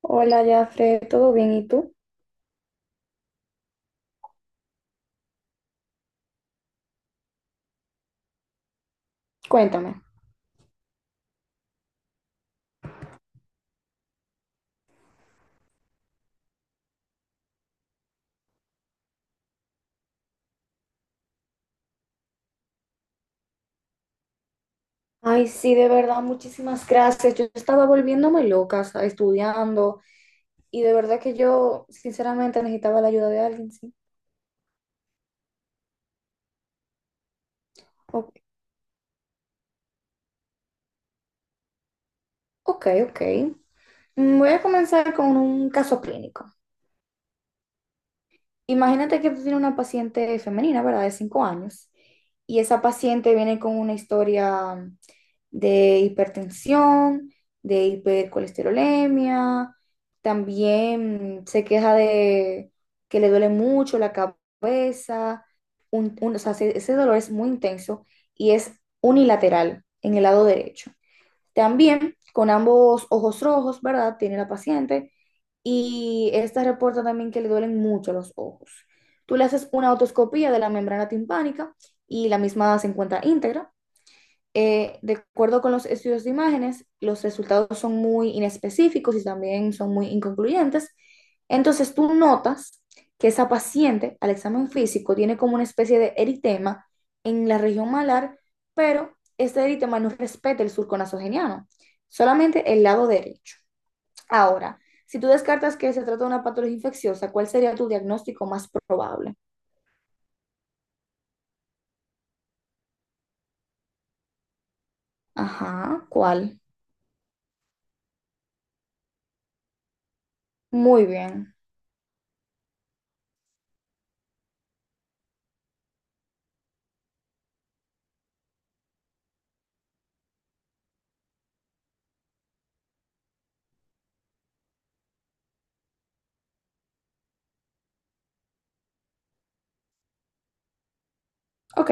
Hola, Jafre, ¿todo bien? ¿Y tú? Cuéntame. Ay, sí, de verdad, muchísimas gracias. Yo estaba volviéndome loca, o sea, estudiando, y de verdad que yo, sinceramente, necesitaba la ayuda de alguien, sí. O- Ok, ok. Voy a comenzar con un caso clínico. Imagínate que tú tienes una paciente femenina, ¿verdad? De 5 años. Y esa paciente viene con una historia de hipertensión, de hipercolesterolemia. También se queja de que le duele mucho la cabeza. O sea, ese dolor es muy intenso y es unilateral en el lado derecho. También con ambos ojos rojos, ¿verdad? Tiene la paciente, y esta reporta también que le duelen mucho los ojos. Tú le haces una otoscopía de la membrana timpánica y la misma se encuentra íntegra. De acuerdo con los estudios de imágenes, los resultados son muy inespecíficos y también son muy inconcluyentes. Entonces tú notas que esa paciente al examen físico tiene como una especie de eritema en la región malar, pero este eritema no respeta el surco nasogeniano, solamente el lado derecho. Ahora, si tú descartas que se trata de una patología infecciosa, ¿cuál sería tu diagnóstico más probable? Ajá, ¿cuál? Muy bien. Ok,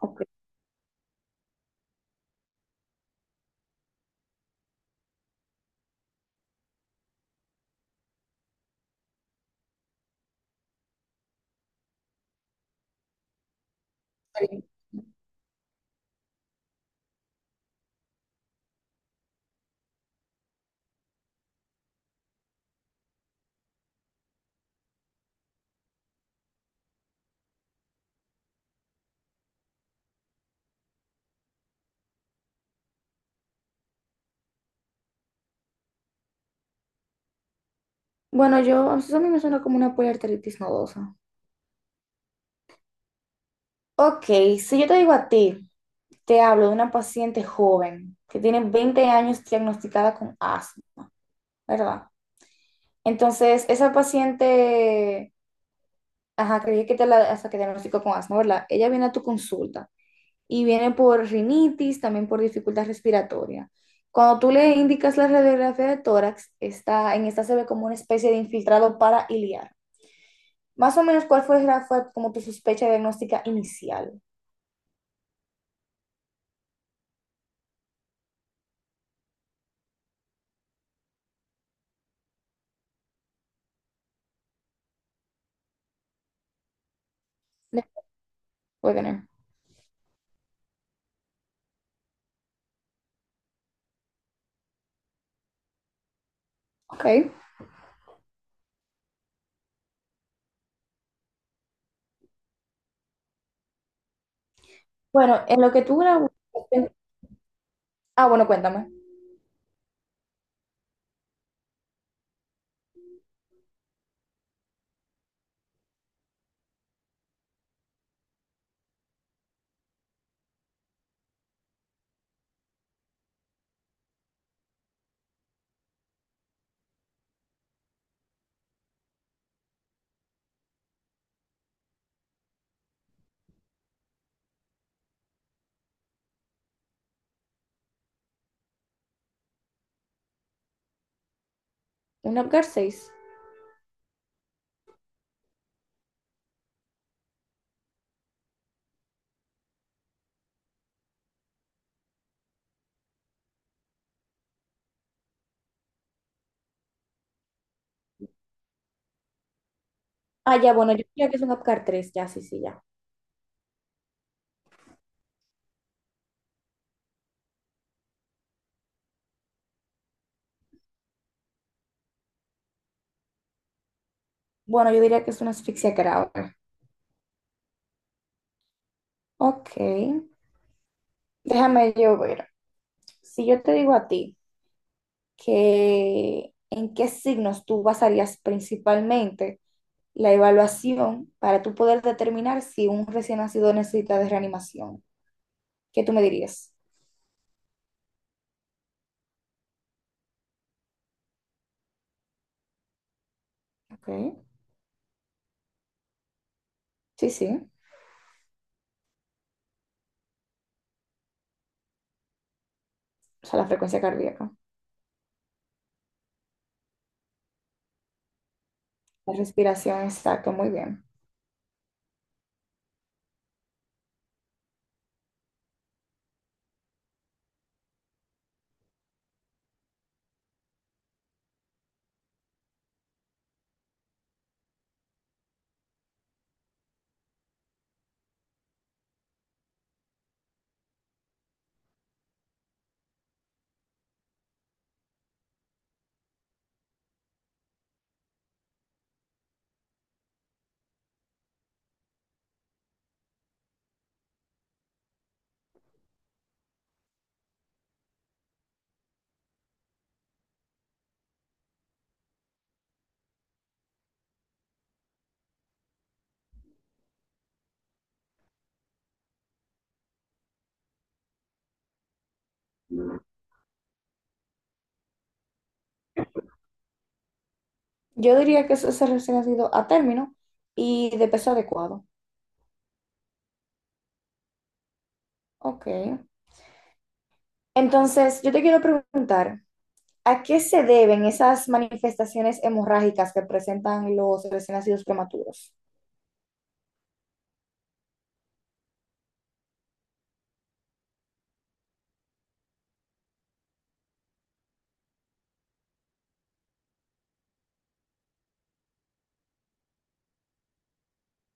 ok. Está bien. Bueno, yo, eso a mí me suena como una poliarteritis nodosa. Ok, si yo te digo a ti, te hablo de una paciente joven que tiene 20 años diagnosticada con asma, ¿verdad? Entonces, esa paciente, ajá, creí que te la, hasta que diagnosticó con asma, ¿verdad? Ella viene a tu consulta y vienen por rinitis, también por dificultad respiratoria. Cuando tú le indicas la radiografía de tórax, está, en esta se ve como una especie de infiltrado para. Más o menos, ¿cuál fue como tu sospecha diagnóstica inicial? Wegener. Ok. Bueno, en lo que tú grabas. Ah, bueno, cuéntame. ¿Un APGAR seis? Ah, ya, bueno, yo diría que es un APGAR tres, ya, sí, sí, ya. Bueno, yo diría que es una asfixia grave. Ok. Déjame yo ver. Si yo te digo a ti, que en qué signos tú basarías principalmente la evaluación para tú poder determinar si un recién nacido necesita de reanimación, ¿qué tú me dirías? Ok, sí, sí, o sea, la frecuencia cardíaca, la respiración, exacto, muy bien. Yo diría que eso es el recién nacido a término y de peso adecuado. Ok, entonces yo te quiero preguntar, ¿a qué se deben esas manifestaciones hemorrágicas que presentan los recién nacidos prematuros?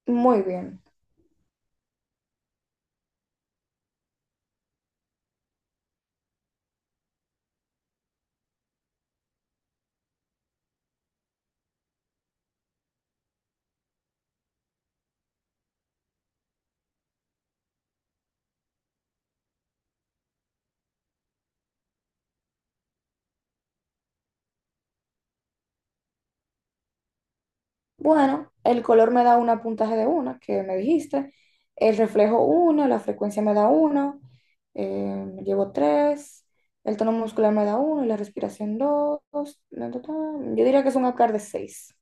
Muy bien. Bueno, el color me da un puntaje de uno, que me dijiste. El reflejo uno, la frecuencia me da uno, llevo tres. El tono muscular me da uno y la respiración dos. Yo diría que es un APGAR de seis.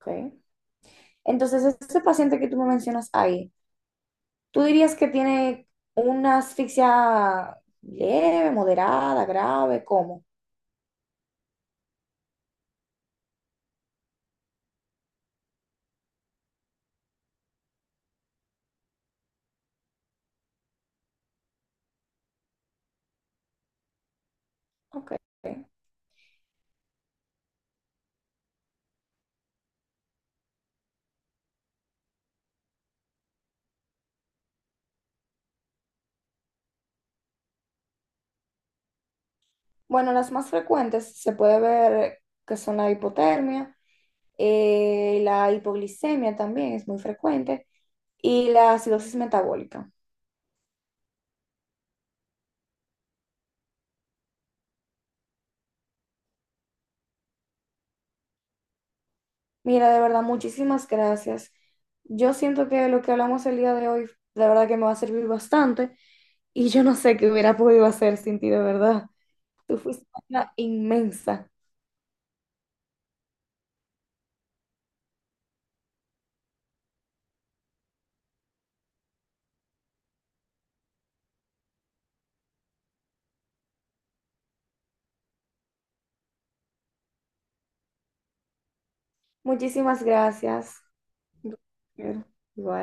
Okay. Entonces, ese paciente que tú me mencionas ahí, ¿tú dirías que tiene una asfixia leve, moderada, grave? ¿Cómo? Ok. Bueno, las más frecuentes se puede ver que son la hipotermia, la hipoglicemia también es muy frecuente, y la acidosis metabólica. Mira, de verdad, muchísimas gracias. Yo siento que lo que hablamos el día de hoy, de verdad que me va a servir bastante, y yo no sé qué hubiera podido hacer sin ti, de verdad. Tú fuiste una inmensa. Muchísimas gracias. Igual.